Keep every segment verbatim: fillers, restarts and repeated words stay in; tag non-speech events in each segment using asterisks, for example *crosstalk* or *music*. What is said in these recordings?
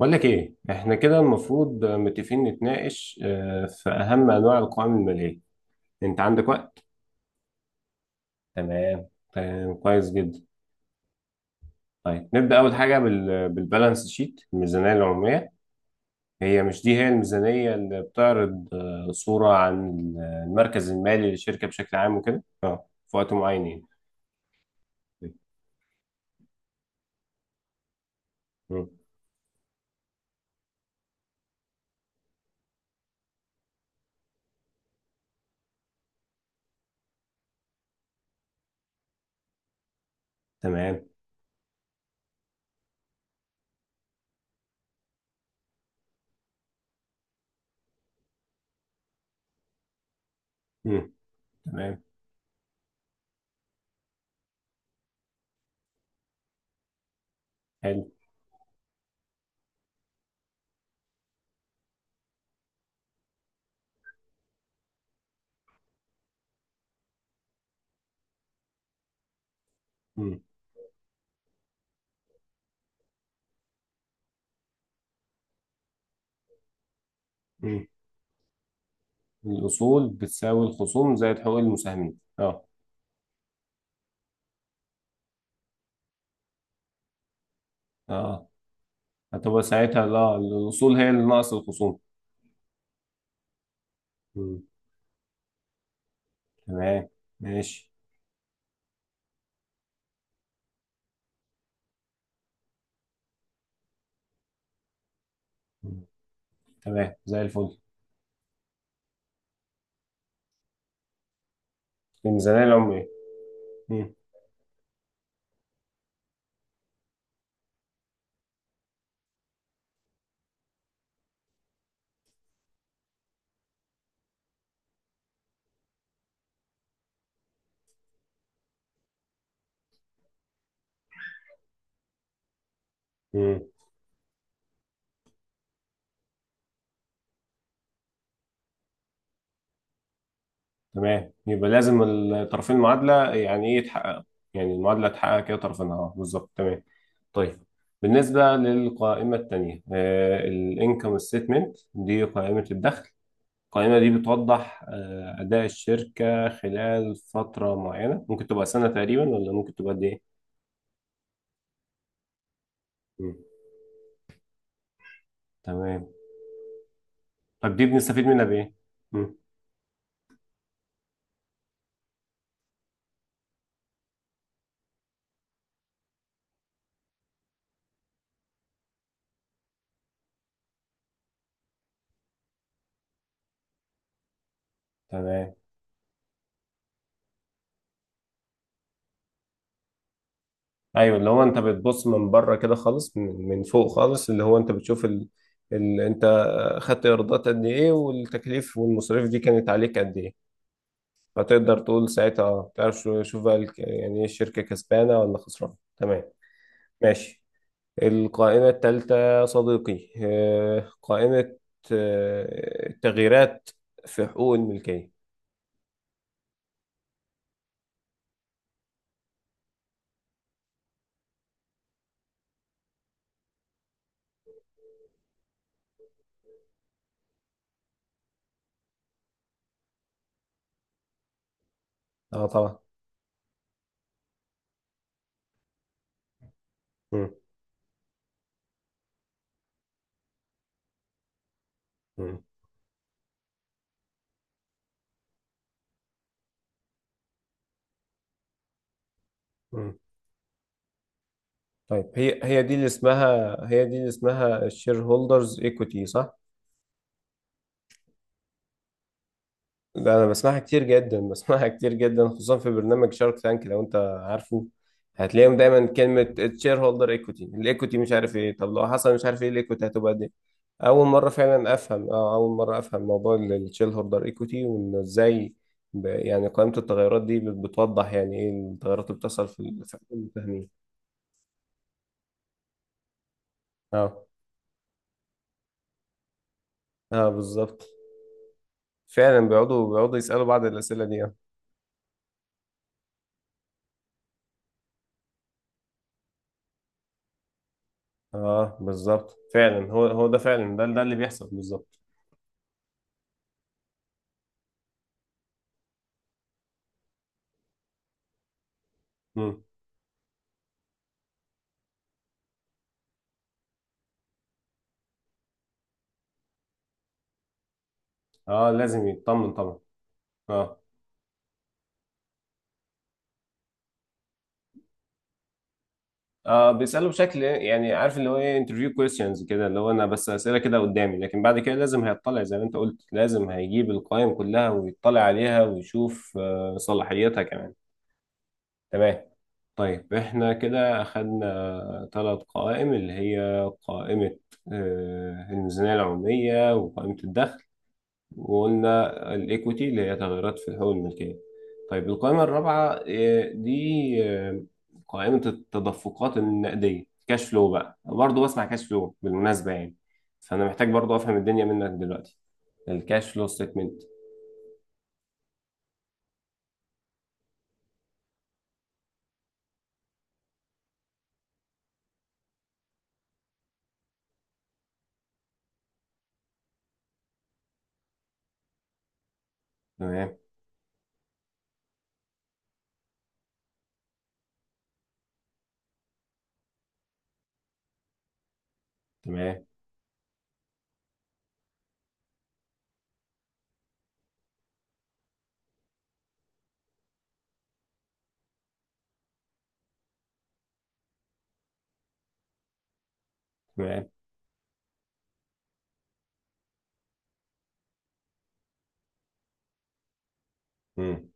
بقول لك ايه، احنا كده المفروض متفقين نتناقش آه، في اهم انواع القوائم الماليه. انت عندك وقت؟ تمام، تمام، كويس جدا. طيب، نبدا اول حاجه بال- بالبالانس شيت، الميزانيه العموميه. هي مش دي هي الميزانيه اللي بتعرض آه، صوره عن المركز المالي للشركه بشكل عام وكده اه في وقت معين يعني. مم. تمام. مم. تمام، حلو. مم. مم. الاصول بتساوي الخصوم زائد حقوق المساهمين، اه. اه، هتبقى ساعتها، لا، الأصول هي اللي ناقص الخصوم. مم. تمام. ماشي. مم. تمام زي الفل. الميزانية العمرية. مم. مم. تمام، يبقى لازم الطرفين المعادلة يعني إيه يتحقق. يعني المعادلة تحقق كده طرفينها، أه، بالظبط، تمام. طيب، بالنسبة للقائمة التانية، الانكم ستيتمنت، دي قائمة الدخل. القائمة دي بتوضح آه، أداء الشركة خلال فترة معينة، ممكن تبقى سنة تقريبا ولا ممكن تبقى قد إيه؟ مم. تمام. طب دي بنستفيد منها بايه؟ مم. تمام. ايوه، اللي هو انت بتبص من بره كده خالص، من من فوق خالص، اللي هو انت بتشوف ال... ال... انت خدت ايرادات قد ايه، والتكاليف والمصاريف دي كانت عليك قد ايه. فتقدر تقول ساعتها، اه تعرف، شو- شوف بقى، الك- يعني ايه، الشركه كسبانه ولا خسرانه. تمام. ماشي. القائمه الثالثه صديقي، آه، قائمه آه، التغييرات في حقوق الملكيه. اه طبعا. مم. مم. مم. طيب، هي هي دي اللي اسمها، هي دي اللي اسمها الشير هولدرز ايكوتي، صح؟ ده انا بسمعها كتير جدا *laughs* بسمعها كتير جدا، خصوصا في برنامج شارك تانك، لو انت عارفه. هتلاقيهم دايما كلمة الشير هولدر ايكوتي، الايكوتي مش عارف ايه، طب لو حصل مش عارف ايه الايكوتي هتبقى دي. اول مرة فعلا افهم، اه اول مرة افهم موضوع الشير هولدر ايكوتي، وانه ازاي ب- يعني قائمة التغيرات دي بت- بتوضح يعني ايه التغيرات اللي بتحصل في ال- في الفاهمين. اه، اه، بالظبط فعلا. بيقعدوا بيقعدوا يسألوا بعض الأسئلة دي آه. اه بالظبط فعلا، هو هو ده فعلا، ده ده اللي بيحصل بالظبط. مم. اه، لازم يطمن طبعا، اه. اه، بيسأله بشكل، يعني عارف اللي هو ايه، انترفيو كويستشنز كده، اللي هو انا بس أسئلة كده قدامي، لكن بعد كده لازم هيطلع زي ما انت قلت، لازم هيجيب القائمة كلها ويطلع عليها ويشوف آه صلاحيتها كمان. تمام. طيب، احنا كده اخدنا ثلاث قوائم، اللي هي قائمة آه الميزانية العمومية، وقائمة الدخل، وقلنا الايكويتي اللي هي تغيرات في حقوق الملكيه. طيب، القائمه الرابعه، آه، دي آه، قائمه التدفقات النقديه، كاش فلو، بقى برضه بسمع كاش فلو بالمناسبه يعني. فانا محتاج برضه افهم الدنيا منك دلوقتي، الكاش فلو ستيتمنت. تمام. تمام. تمام. امم.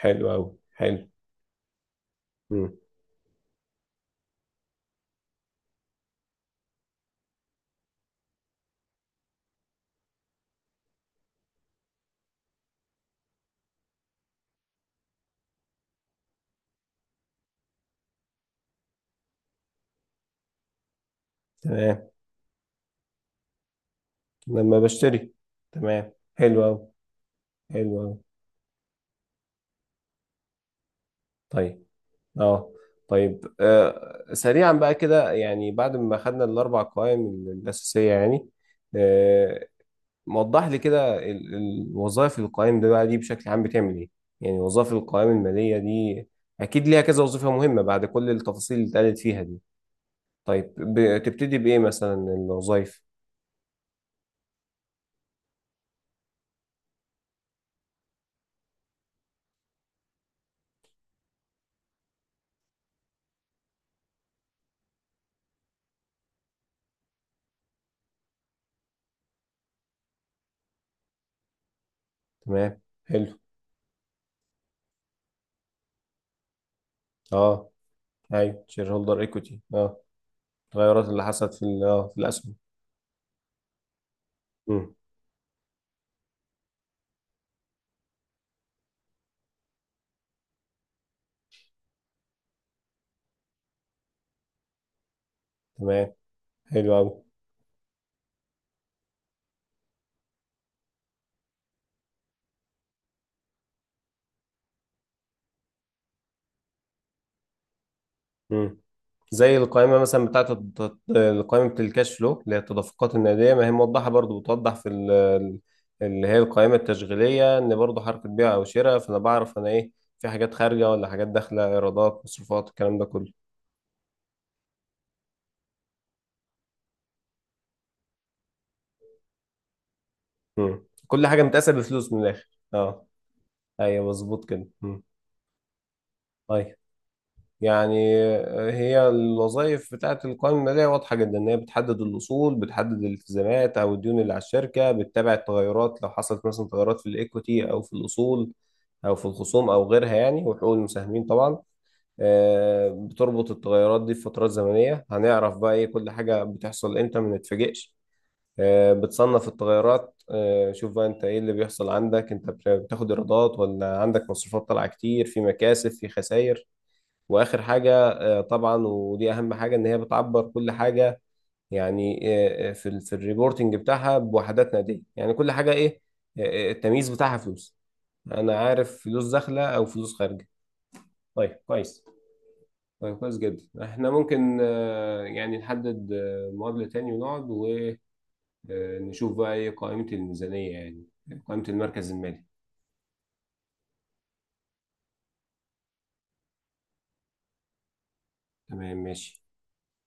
حلو قوي، حلو. امم. تمام، لما بشتري. تمام، حلو قوي. حلو قوي. طيب. اه. طيب، آه سريعا بقى كده، يعني بعد ما خدنا الاربع قوائم ال- الاساسيه يعني، آه وضح لي كده ال- ال- وظائف القوائم ده بقى، دي بشكل عام بتعمل ايه. يعني وظائف القوائم الماليه دي اكيد ليها كذا وظيفه مهمه، بعد كل التفاصيل اللي اتقالت فيها دي. طيب، بتبتدي بايه مثلا الوظائف؟ تمام، حلو. اه، ايوه، شير هولدر ايكوتي، اه. التغيرات اللي حصلت في ال- اه في الاسهم. مم. تمام، حلو قوي. مم. زي القائمة مثلا بتاعت الت- القائمة بتاع الكاش فلو، اللي هي التدفقات النقدية، ما هي موضحة، برضو بتوضح في ال- ال- اللي هي القائمة التشغيلية، إن برضو حركة بيع أو شراء، فأنا بعرف أنا إيه، في حاجات خارجة ولا حاجات داخلة، إيرادات، مصروفات، الكلام ده كله. مم. كل حاجة متقاسة بفلوس من الآخر، أه. أيوه، مظبوط كده. مم. طيب، يعني آه، هي الوظائف بتاعت القوائم المالية واضحة جدا، إن هي بتحدد الأصول، بتحدد الالتزامات أو الديون اللي على الشركة، بتتابع التغيرات لو حصلت مثلا تغيرات في الإيكويتي أو في الأصول أو في الخصوم أو غيرها يعني، وحقوق المساهمين طبعا. آه، بتربط التغيرات دي بفترات زمنية، هنعرف بقى إيه كل حاجة بتحصل إمتى ما نتفاجئش. آه، بتصنف التغيرات، آه، شوف بقى انت ايه اللي بيحصل عندك، انت بتاخد ايرادات ولا عندك مصروفات طالعه كتير، في مكاسب في خسائر. واخر حاجه، آه، طبعا ودي اهم حاجه، ان هي بتعبر كل حاجه، يعني آه، آه، في ال- في الريبورتنج بتاعها بوحدات نقديه، يعني كل حاجه ايه، آه، آه، التمييز بتاعها فلوس. انا عارف فلوس داخله او فلوس خارجه. طيب، كويس. طيب كويس جدا، احنا ممكن آه، يعني نحدد آه، مقابله تاني، ونقعد ونشوف بقى ايه قائمه الميزانيه يعني، قائمه المركز المالي. تمام، ماشي.